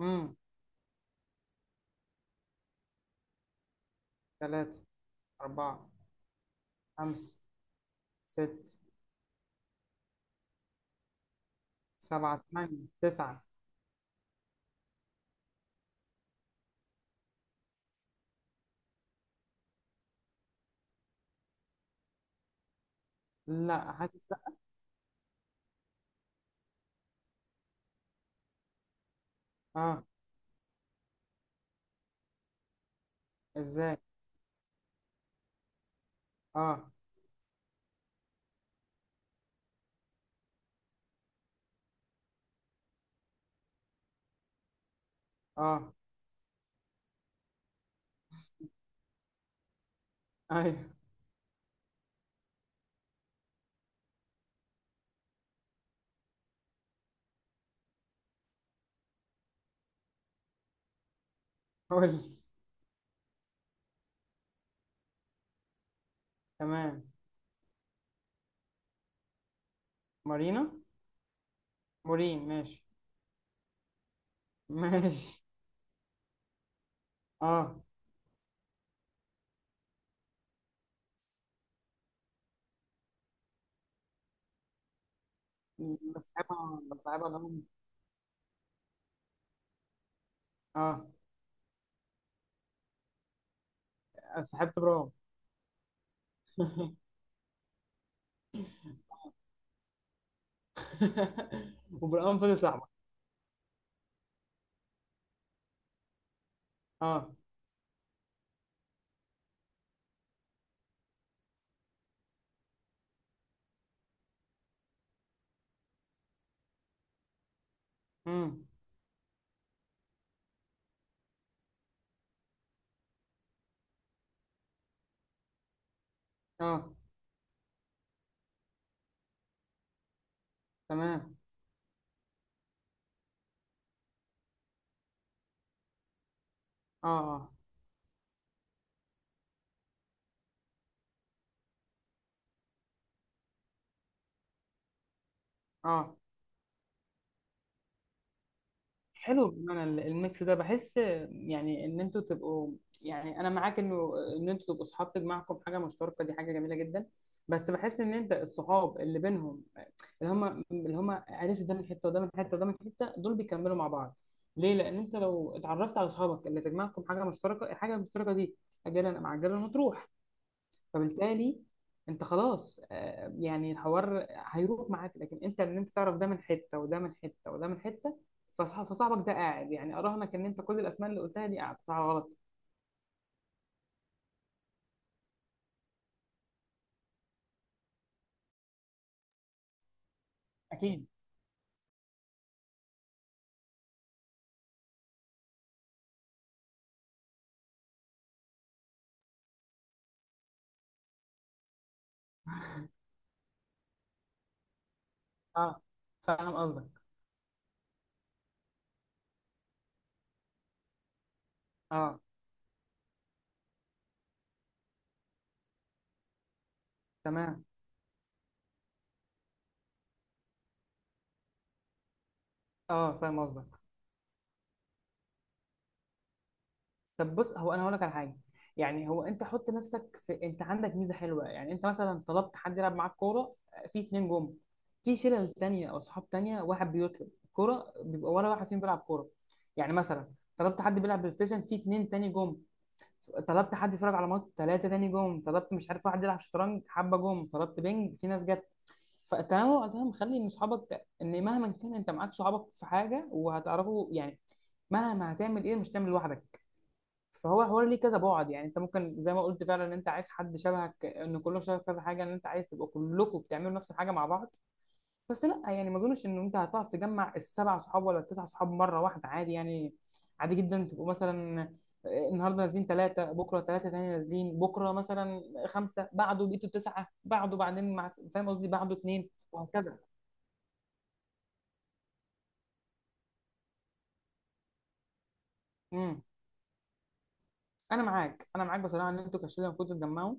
امم. ثلاثة. أربعة. خمسة. ستة. سبعة. ثمانية. تسعة. لا، حاسس، لا. اه. ازاي؟ اه، اه. ايوه. قول لي. تمام. مارينا. مورين، ماشي. ماشي. اه. بسحبها، بسحبها لهم. اه. سحبت برام. وبرام فضل صاحبك؟ اه. امم. اه، تمام. اه، اه. اه، حلو. بمعنى الميكس ده، بحس يعني ان انتوا تبقوا، يعني انا معاك انه ان انتوا تبقوا صحاب تجمعكم حاجه مشتركه، دي حاجه جميله جدا. بس بحس ان انت الصحاب اللي بينهم، اللي هم، اللي هم عرفت ده من حته وده من حته وده من حته، دول بيكملوا مع بعض. ليه؟ لان انت لو اتعرفت على صحابك اللي تجمعكم حاجه مشتركه، الحاجه المشتركه دي اجلا ام عجلا هتروح. فبالتالي انت خلاص، يعني الحوار هيروح معاك. لكن ان انت تعرف ده من حته وده من حته وده من حته، فصاحبك ده قاعد، يعني اراهنك ان انت كل الاسماء اللي قلتها دي قاعد صح ولا غلط. اكيد. اه، فاهم قصدك. اه، تمام. اه، فاهم قصدك. طب بص، هو انا هقول لك على حاجه. يعني هو انت حط نفسك في، انت عندك ميزه حلوه. يعني انت مثلا طلبت حد يلعب معاك كوره، في اتنين جم. في شلل تانية او صحاب تانية، واحد بيطلب كوره بيبقى ولا واحد فيهم بيلعب كوره؟ يعني مثلا طلبت حد بيلعب بلاي ستيشن، في اتنين تاني جم. طلبت حد يتفرج على ماتش، ثلاثه تاني جم. طلبت مش عارف، واحد يلعب شطرنج، حبه جم. طلبت بينج، في ناس جت. فالتنوع ده مخلي ان صحابك، ان مهما كان انت معاك صحابك في حاجه، وهتعرفوا يعني مهما هتعمل، ايه؟ مش تعمل لوحدك. فهو حوار ليه كذا بعد، يعني انت ممكن زي ما قلت فعلا ان انت عايز حد شبهك، ان كلهم شبه كذا حاجه، ان انت عايز تبقوا كلكم بتعملوا نفس الحاجه مع بعض. بس لا، يعني ما اظنش ان انت هتعرف تجمع السبع صحاب ولا التسع صحاب مره واحده. عادي يعني، عادي جدا تبقوا مثلا، النهارده نازلين ثلاثه، بكره ثلاثه تاني نازلين، بكره مثلا خمسه، بعده بقيتوا تسعه، بعده بعدين مع، فاهم قصدي، بعده اثنين وهكذا. امم. انا معاك، انا معاك بصراحه، ان انتوا كشله المفروض تتجمعوا.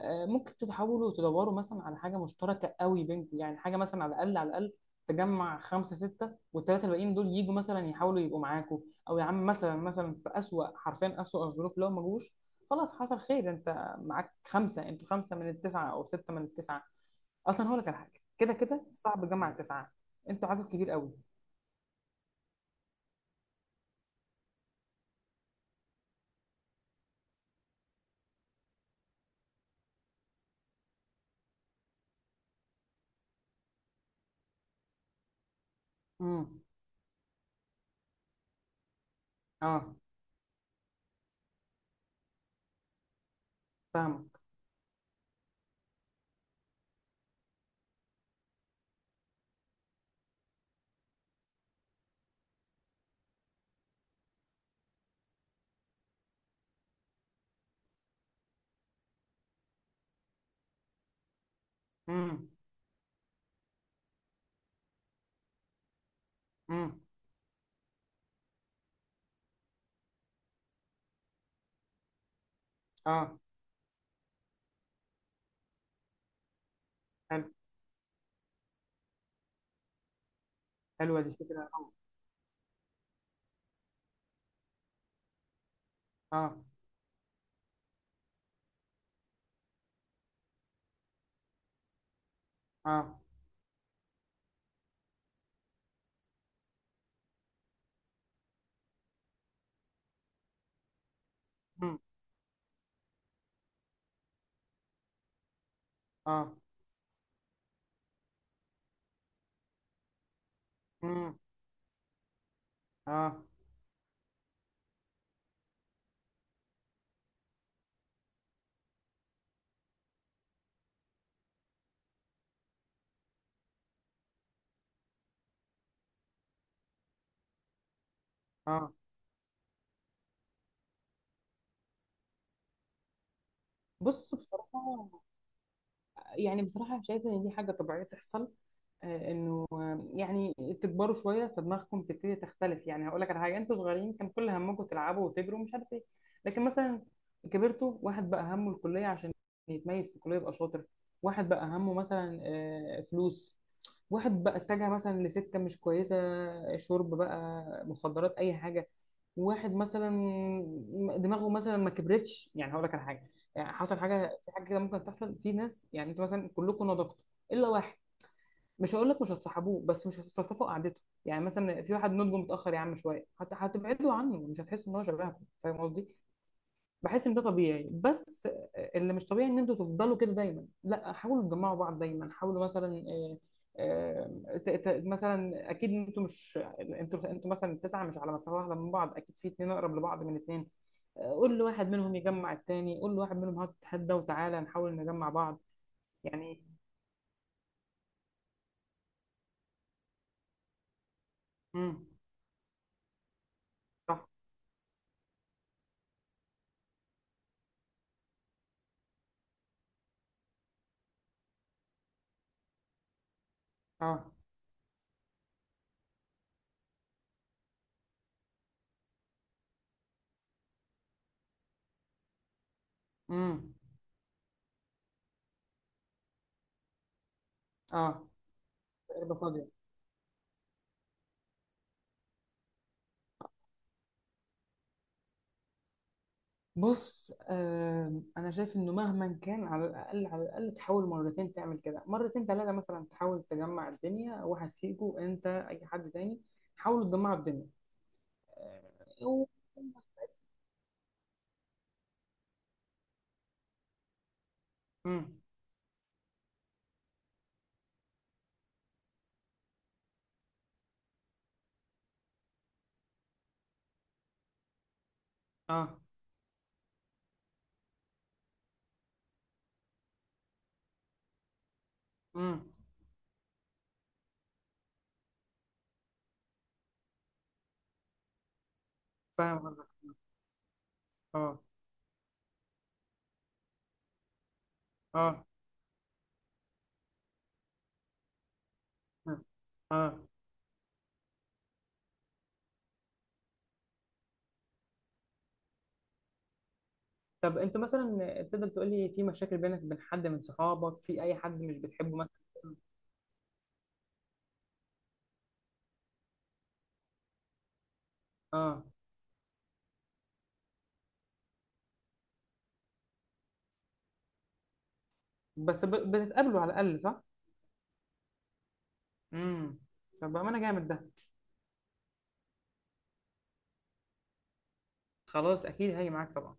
ممكن تحاولوا تدوروا مثلا على حاجه مشتركه قوي بينكم، يعني حاجه مثلا على الاقل، على الاقل تجمع خمسه سته، والثلاثه الباقيين دول يجوا مثلا يحاولوا يبقوا معاكم. او يا عم، مثلا في اسوأ، حرفيا اسوأ الظروف، لو ما جوش، خلاص حصل خير. انت معاك خمسه، انتوا خمسه من التسعه او سته من التسعه. اصلا هقول لك على حاجه، كده كده صعب تجمع التسعه، انتوا عدد كبير قوي. امم. اه، فاهمك. امم، امم. اه، حلو. حلوه دي فكره. اه. اه. مم. اه. مم. اه. اه. بص بصراحة، يعني بصراحة شايفة إن دي حاجة طبيعية تحصل. إنه يعني تكبروا شوية، فدماغكم تبتدي تختلف. يعني هقول لك على حاجة، أنتوا صغيرين كان كل همكم تلعبوا وتجروا ومش عارف إيه. لكن مثلا كبرتوا، واحد بقى همه الكلية عشان يتميز في الكلية يبقى شاطر. واحد بقى همه مثلا فلوس. واحد بقى اتجه مثلا لسكة مش كويسة، شرب بقى مخدرات أي حاجة. واحد مثلا دماغه مثلا ما كبرتش. يعني هقول لك على حاجه، يعني حصل حاجه في حاجه كده ممكن تحصل في ناس. يعني انتوا مثلا كلكم نضجتوا الا واحد، مش هقول لك مش هتصاحبوه، بس مش هتستلطفوا قعدته. يعني مثلا في واحد نضجه متاخر، يا عم شويه، حتى هتبعدوا عنه، مش هتحسوا ان هو شبهكم، فاهم قصدي. بحس ان ده طبيعي، بس اللي مش طبيعي ان انتوا تفضلوا كده دايما، لا حاولوا تجمعوا بعض دايما، حاولوا مثلا، مثلا اكيد انتوا مش، انتوا مثلا التسعه مش على مسافه واحده من بعض، اكيد في اتنين اقرب لبعض من اتنين. قول لواحد منهم يجمع التاني، قول لواحد منهم هات تتحدى وتعالى نحاول نجمع بعض، يعني. امم. صح. اه. امم. اه. قلبة فاضية. بص، انا شايف انه مهما كان، على الاقل، على الاقل تحاول مرتين تعمل كده، مرتين ثلاثة مثلا تحاول تجمع الدنيا، واحد فيكو انت، اي حد تاني، حاولوا تجمعوا الدنيا. آه، و- امم. اه. امم. فاهم قصدك. اه، اه، اه. طب انت مثلا تقدر تقول لي، في مشاكل بينك وبين حد من صحابك، في اي حد مش بتحبه مثلا؟ اه، بس بتتقابلوا على الاقل، صح؟ امم. طب بامانه، جامد ده. خلاص، اكيد هاجي معاك طبعا.